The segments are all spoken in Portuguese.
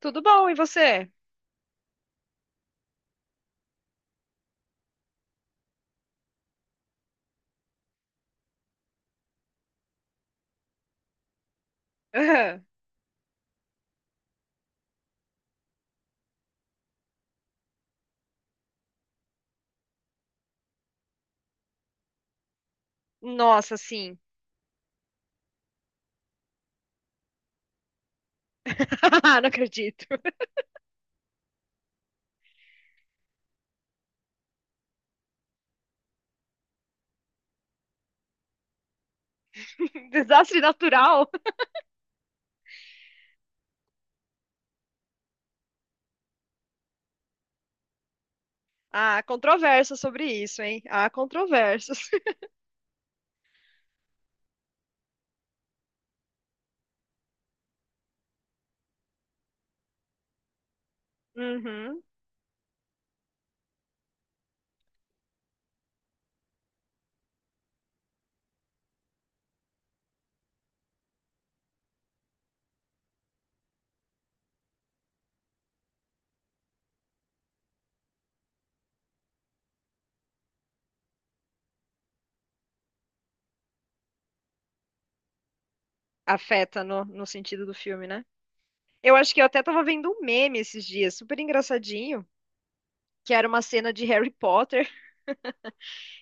Tudo bom, e você? Aham. Nossa, sim. Não acredito. Desastre natural? Há controvérsias sobre isso, hein? Há controvérsias. Uhum. Afeta no sentido do filme, né? Eu acho que eu até tava vendo um meme esses dias, super engraçadinho, que era uma cena de Harry Potter,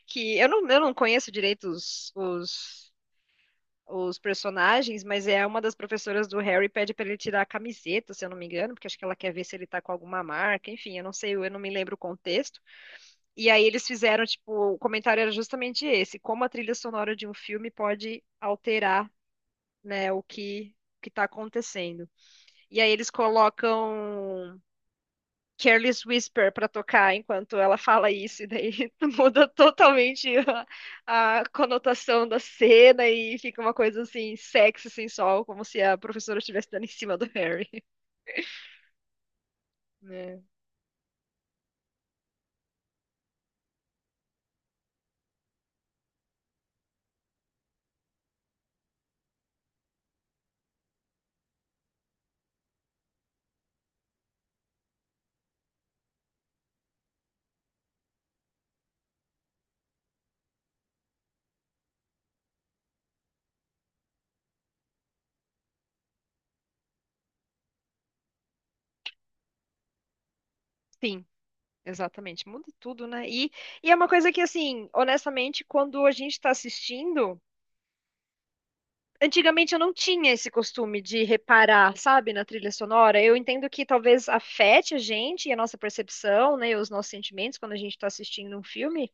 que eu não conheço direito os personagens, mas é uma das professoras do Harry pede pra ele tirar a camiseta, se eu não me engano, porque acho que ela quer ver se ele tá com alguma marca, enfim, eu não sei, eu não me lembro o contexto. E aí eles fizeram, tipo, o comentário era justamente esse, como a trilha sonora de um filme pode alterar, né, o que que tá acontecendo. E aí eles colocam Careless Whisper pra tocar enquanto ela fala isso, e daí muda totalmente a conotação da cena e fica uma coisa assim, sexy, sensual, como se a professora estivesse dando em cima do Harry, né? Sim, exatamente, muda tudo, né? E é uma coisa que, assim, honestamente, quando a gente tá assistindo. Antigamente eu não tinha esse costume de reparar, sabe, na trilha sonora. Eu entendo que talvez afete a gente e a nossa percepção, né, e os nossos sentimentos quando a gente está assistindo um filme,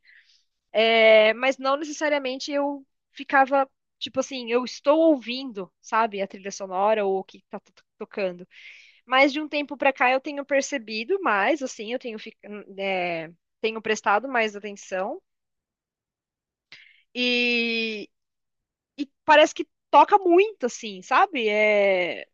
é, mas não necessariamente eu ficava, tipo assim, eu estou ouvindo, sabe, a trilha sonora ou o que está tocando. Mas de um tempo para cá eu tenho percebido mais, assim, eu tenho, é, tenho prestado mais atenção e, e parece que toca muito, assim, sabe? É.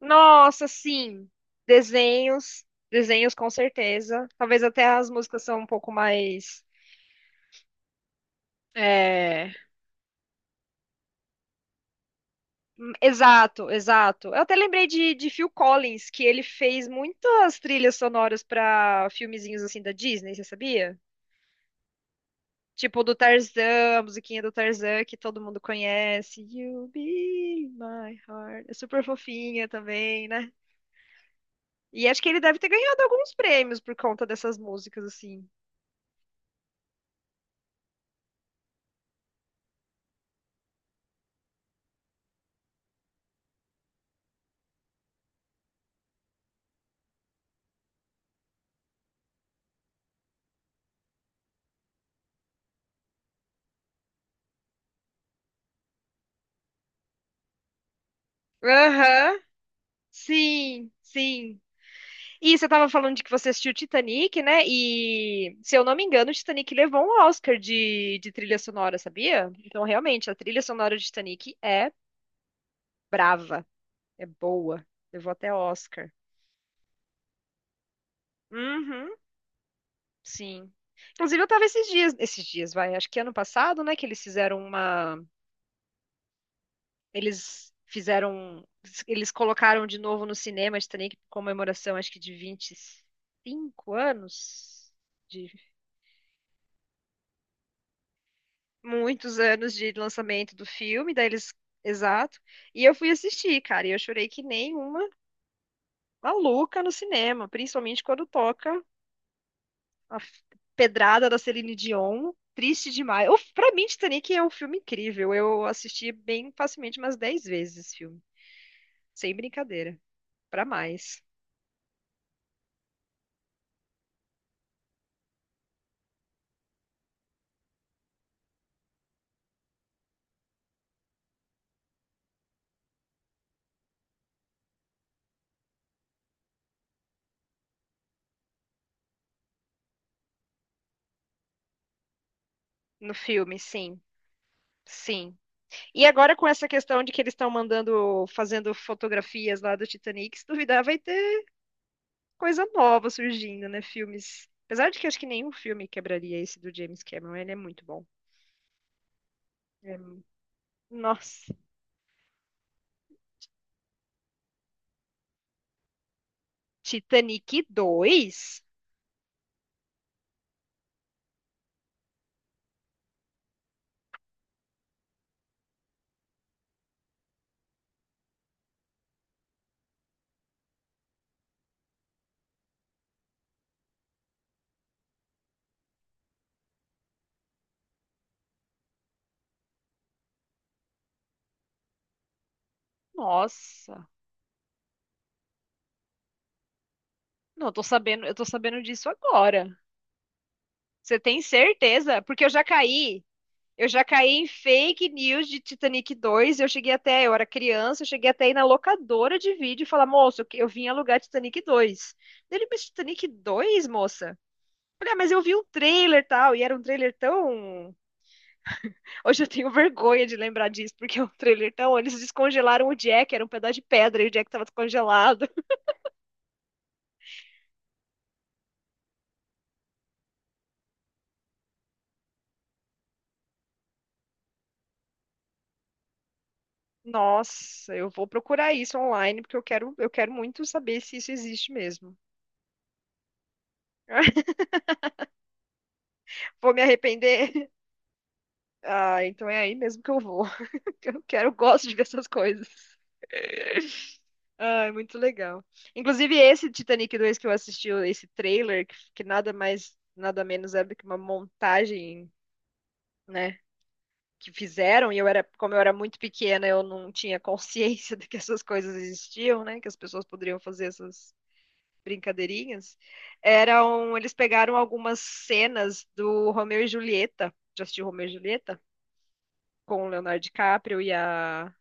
Nossa, sim. Desenhos, desenhos com certeza. Talvez até as músicas são um pouco mais. É. Exato, exato. Eu até lembrei de Phil Collins, que ele fez muitas trilhas sonoras para filmezinhos assim da Disney, você sabia? Tipo do Tarzan, a musiquinha do Tarzan que todo mundo conhece. You be my heart. É super fofinha também, né? E acho que ele deve ter ganhado alguns prêmios por conta dessas músicas, assim. Aham. Sim, sim. E você estava falando de que você assistiu Titanic, né? E, se eu não me engano, o Titanic levou um Oscar de trilha sonora, sabia? Então, realmente, a trilha sonora de Titanic é brava, é boa. Levou até Oscar. Uhum, sim. Inclusive, eu estava esses dias, vai, acho que ano passado, né, que eles fizeram uma, eles fizeram, eles colocaram de novo no cinema Titanic, comemoração, acho que de 25 anos, muitos anos de lançamento do filme, daí eles. Exato. E eu fui assistir, cara, e eu chorei que nem uma maluca no cinema, principalmente quando toca a f- pedrada da Celine Dion. Triste demais. Eu, pra mim, Titanic é um filme incrível. Eu assisti bem facilmente umas 10 vezes esse filme. Sem brincadeira. Pra mais. No filme, sim. Sim. E agora com essa questão de que eles estão mandando, fazendo fotografias lá do Titanic, se duvidar, vai ter coisa nova surgindo, né? Filmes. Apesar de que acho que nenhum filme quebraria esse do James Cameron, ele é muito bom. É- Nossa. Titanic 2? Nossa. Não, eu tô sabendo disso agora. Você tem certeza? Porque eu já caí. Eu já caí em fake news de Titanic 2. Eu cheguei até, eu era criança, eu cheguei até aí na locadora de vídeo e falar, moço, eu vim alugar Titanic 2. Ele, mas Titanic 2, moça? Olha, mas eu vi um trailer e tal, e era um trailer tão. Hoje eu tenho vergonha de lembrar disso, porque é um trailer tão. Eles descongelaram o Jack, era um pedaço de pedra e o Jack tava descongelado. Nossa, eu vou procurar isso online, porque eu quero muito saber se isso existe mesmo. Vou me arrepender. Ah, então é aí mesmo que eu vou. Eu quero, gosto de ver essas coisas. Ah, é muito legal. Inclusive, esse Titanic 2 que eu assisti, esse trailer, que nada mais, nada menos é do que uma montagem, né? Que fizeram, e eu era, como eu era muito pequena, eu não tinha consciência de que essas coisas existiam, né? Que as pessoas poderiam fazer essas brincadeirinhas. Eram, eles pegaram algumas cenas do Romeu e Julieta, já assistiu Romeu e Julieta? Com o Leonardo DiCaprio e a.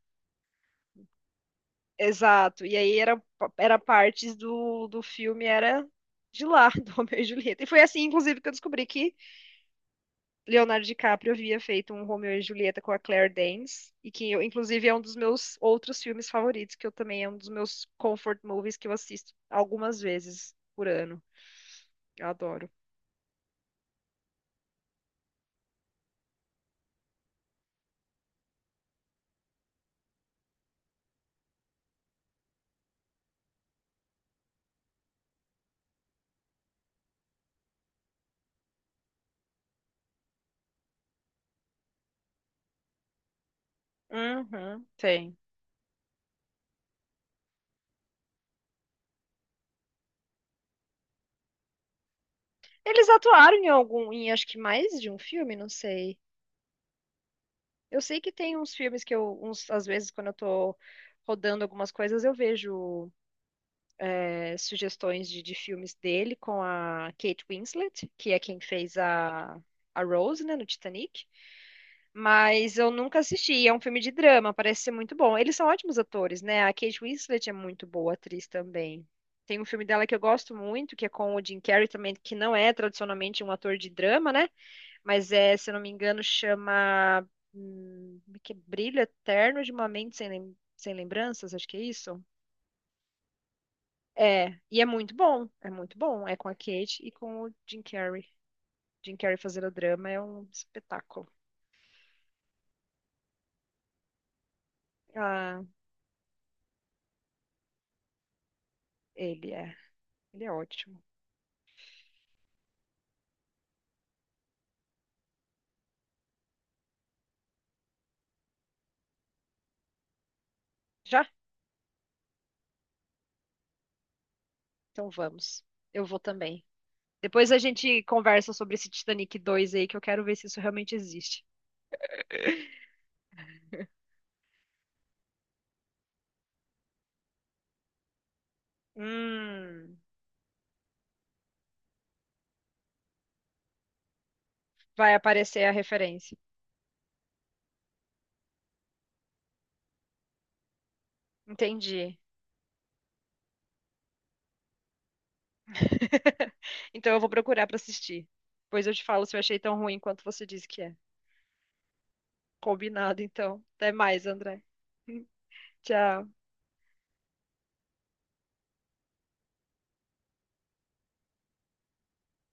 Exato. E aí era, era partes do filme, era de lá, do Romeu e Julieta. E foi assim, inclusive, que eu descobri que Leonardo DiCaprio havia feito um Romeo e Julieta com a Claire Danes, e que eu, inclusive é um dos meus outros filmes favoritos, que eu também é um dos meus comfort movies que eu assisto algumas vezes por ano. Eu adoro. Uhum, tem. Eles atuaram em algum, em acho que mais de um filme, não sei. Eu sei que tem uns filmes que eu, uns, às vezes, quando eu tô rodando algumas coisas, eu vejo é, sugestões de filmes dele com a Kate Winslet, que é quem fez a Rose, né, no Titanic. Mas eu nunca assisti. É um filme de drama, parece ser muito bom. Eles são ótimos atores, né? A Kate Winslet é muito boa atriz também. Tem um filme dela que eu gosto muito, que é com o Jim Carrey também, que não é tradicionalmente um ator de drama, né? Mas é, se eu não me engano, chama como é que é, Brilho Eterno de uma Mente Sem Sem Lembranças, acho que é isso. É, e é muito bom, é muito bom. É com a Kate e com o Jim Carrey. Jim Carrey fazendo drama é um espetáculo. Ah, ele é, ele é ótimo. Já? Então vamos. Eu vou também. Depois a gente conversa sobre esse Titanic 2 aí, que eu quero ver se isso realmente existe. Hum, vai aparecer a referência. Entendi. Então eu vou procurar pra assistir. Depois eu te falo se eu achei tão ruim quanto você disse que é. Combinado, então. Até mais, André. Tchau.